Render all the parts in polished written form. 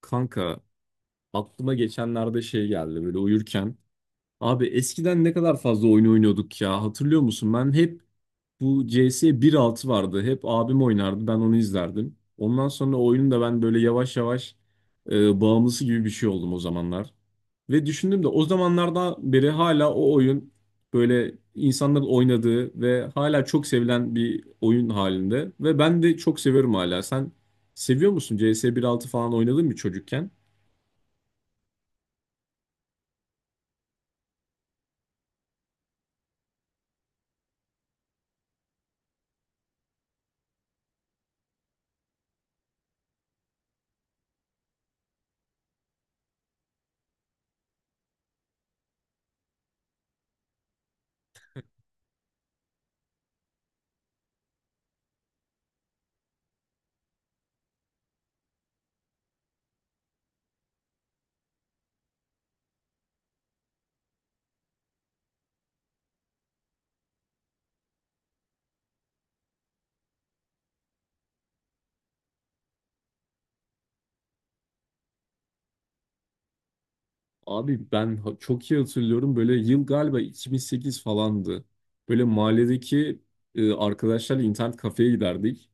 Kanka aklıma geçenlerde şey geldi böyle uyurken. Abi eskiden ne kadar fazla oyun oynuyorduk ya hatırlıyor musun? Ben hep bu CS 1.6 vardı. Hep abim oynardı ben onu izlerdim. Ondan sonra oyunun da ben böyle yavaş yavaş bağımlısı gibi bir şey oldum o zamanlar. Ve düşündüm de o zamanlardan beri hala o oyun böyle insanların oynadığı ve hala çok sevilen bir oyun halinde. Ve ben de çok seviyorum hala. Sen seviyor musun? CS 1.6 falan oynadın mı çocukken? Abi ben çok iyi hatırlıyorum. Böyle yıl galiba 2008 falandı. Böyle mahalledeki arkadaşlarla internet kafeye giderdik.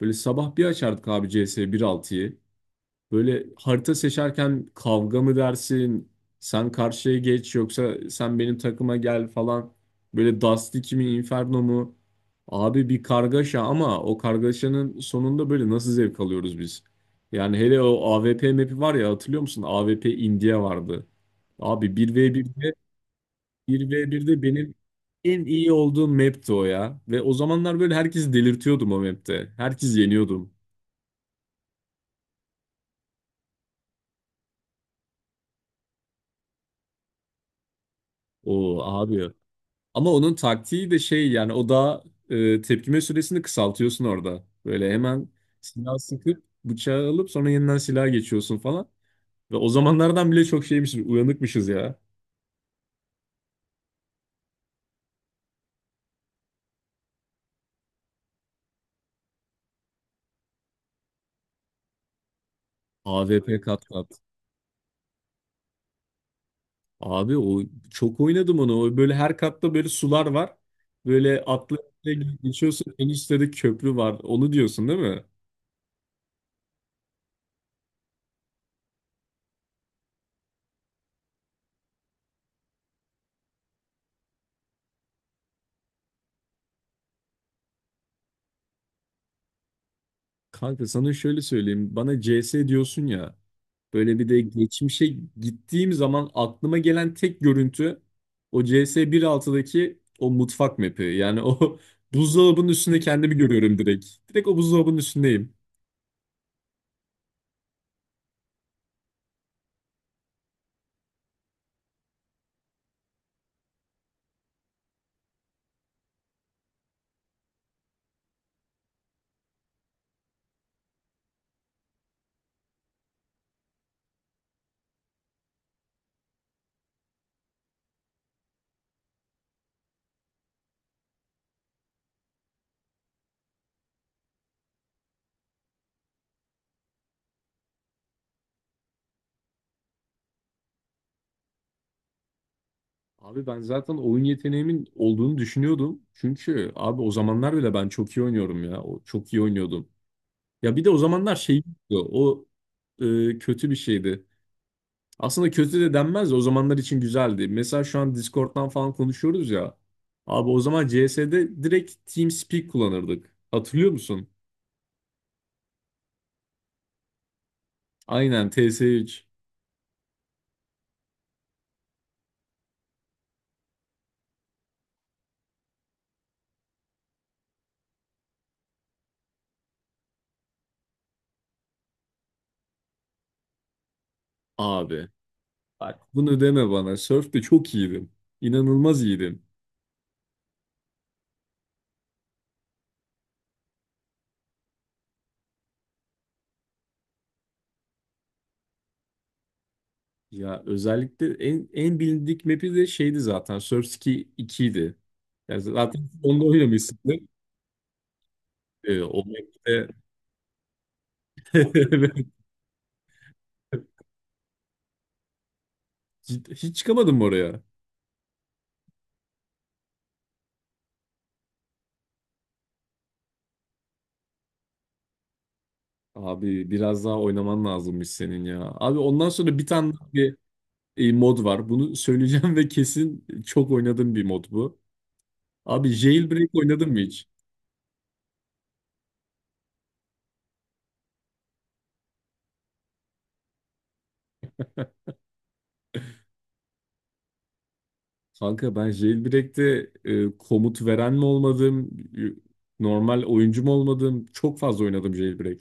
Böyle sabah bir açardık abi CS 1.6'yı. Böyle harita seçerken kavga mı dersin? Sen karşıya geç yoksa sen benim takıma gel falan. Böyle Dust 2 mi Inferno mu? Abi bir kargaşa ama o kargaşanın sonunda böyle nasıl zevk alıyoruz biz? Yani hele o AWP map'i var ya hatırlıyor musun? AWP India vardı. Abi bir v birde benim en iyi olduğum map'ti o ya. Ve o zamanlar böyle herkesi delirtiyordum o map'te. Herkes yeniyordum. O abi. Ama onun taktiği de şey yani o da tepkime süresini kısaltıyorsun orada. Böyle hemen silah sıkıp bıçağı alıp sonra yeniden silaha geçiyorsun falan. Ve o zamanlardan bile çok şeymişiz, uyanıkmışız ya. AVP kat kat. Abi o çok oynadım onu. O, böyle her katta böyle sular var. Böyle atla geçiyorsun. En üstte de köprü var. Onu diyorsun değil mi? Kanka sana şöyle söyleyeyim. Bana CS diyorsun ya. Böyle bir de geçmişe gittiğim zaman aklıma gelen tek görüntü o CS 1.6'daki o mutfak map'i. Yani o buzdolabının üstünde kendimi görüyorum direkt. Direkt o buzdolabının üstündeyim. Abi ben zaten oyun yeteneğimin olduğunu düşünüyordum. Çünkü abi o zamanlar bile ben çok iyi oynuyorum ya. O, çok iyi oynuyordum. Ya bir de o zamanlar şey yoktu. O kötü bir şeydi. Aslında kötü de denmez de o zamanlar için güzeldi. Mesela şu an Discord'dan falan konuşuyoruz ya. Abi o zaman CS'de direkt TeamSpeak kullanırdık. Hatırlıyor musun? Aynen TS3. Abi bak bunu deme bana. Surf'te çok iyiydim. İnanılmaz iyiydim. Ya özellikle en bilindik map'i de şeydi zaten. Surf Ski 2 idi. Yani zaten onda oynamışsın. O map'te hiç çıkamadım oraya. Abi biraz daha oynaman lazımmış senin ya. Abi ondan sonra bir tane daha mod var. Bunu söyleyeceğim ve kesin çok oynadığım bir mod bu. Abi Jailbreak oynadın mı hiç? Kanka ben Jailbreak'te komut veren mi olmadım, e, normal oyuncu mu olmadım? Çok fazla oynadım Jailbreak.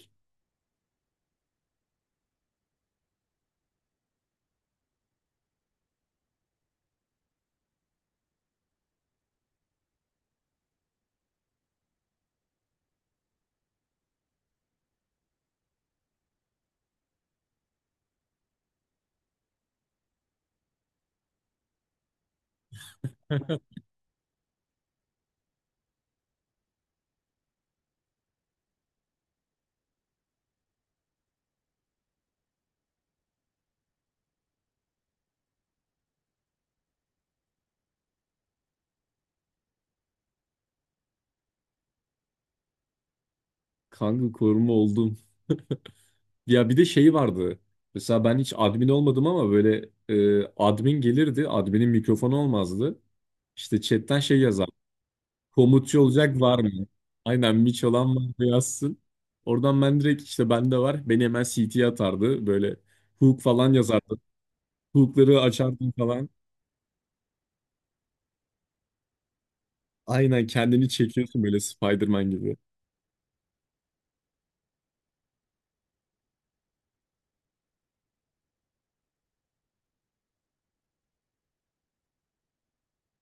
Kanka koruma oldum. Ya bir de şey vardı. Mesela ben hiç admin olmadım ama böyle admin gelirdi. Admin'in mikrofonu olmazdı. İşte chatten şey yazardı. Komutçu olacak var mı? Aynen Miç olan var mı yazsın. Oradan ben direkt işte bende var. Beni hemen CT'ye atardı. Böyle hook falan yazardı. Hookları açardım falan. Aynen kendini çekiyorsun böyle Spider-Man gibi.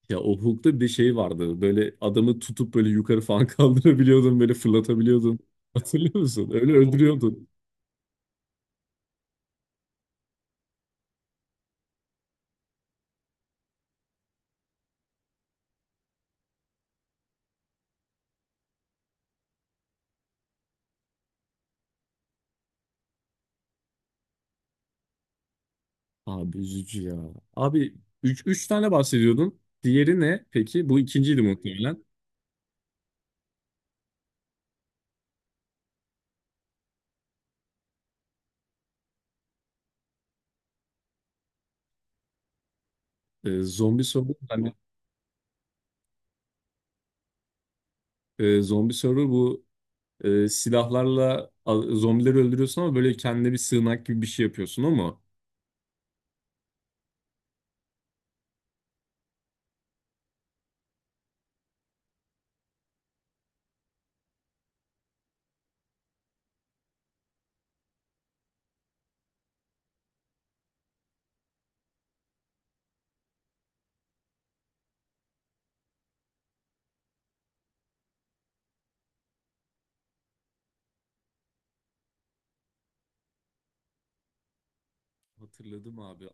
Ya o hook'ta bir de şey vardı. Böyle adamı tutup böyle yukarı falan kaldırabiliyordun. Böyle fırlatabiliyordun. Hatırlıyor musun? Öyle öldürüyordun. Abi üzücü ya. Abi 3 tane bahsediyordun. Diğeri ne peki? Bu ikinciydi muhtemelen. Zombi soru. Hani zombi soru bu silahlarla zombileri öldürüyorsun ama böyle kendine bir sığınak gibi bir şey yapıyorsun ama hatırladım abi.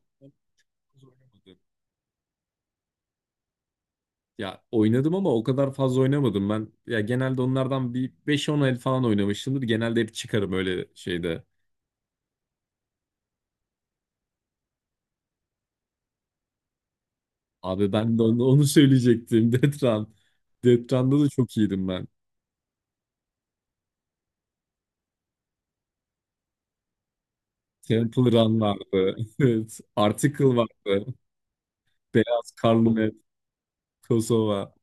Ya oynadım ama o kadar fazla oynamadım ben. Ya genelde onlardan bir beş on el falan oynamışımdır. Genelde hep çıkarım öyle şeyde. Abi ben de onu söyleyecektim. Death Run. Death Run'da da çok iyiydim ben. Temple Run vardı. Evet. Article vardı. Beyaz Karlı Met. Kosova.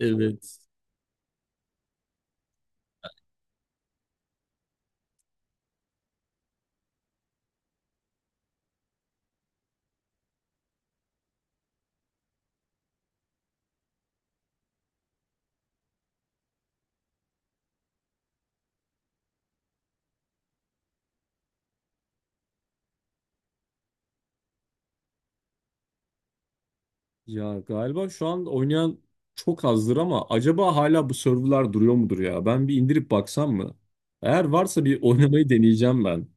Evet. Ya galiba şu an oynayan çok azdır ama acaba hala bu serverlar duruyor mudur ya? Ben bir indirip baksam mı? Eğer varsa bir oynamayı deneyeceğim ben.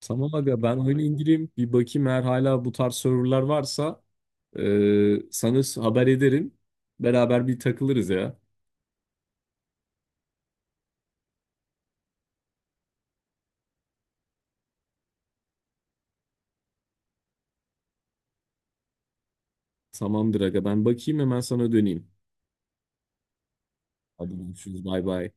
Tamam aga ben oyunu indireyim. Bir bakayım eğer hala bu tarz serverlar varsa sana haber ederim. Beraber bir takılırız ya. Tamamdır aga ben bakayım hemen sana döneyim. Hadi görüşürüz bay bay.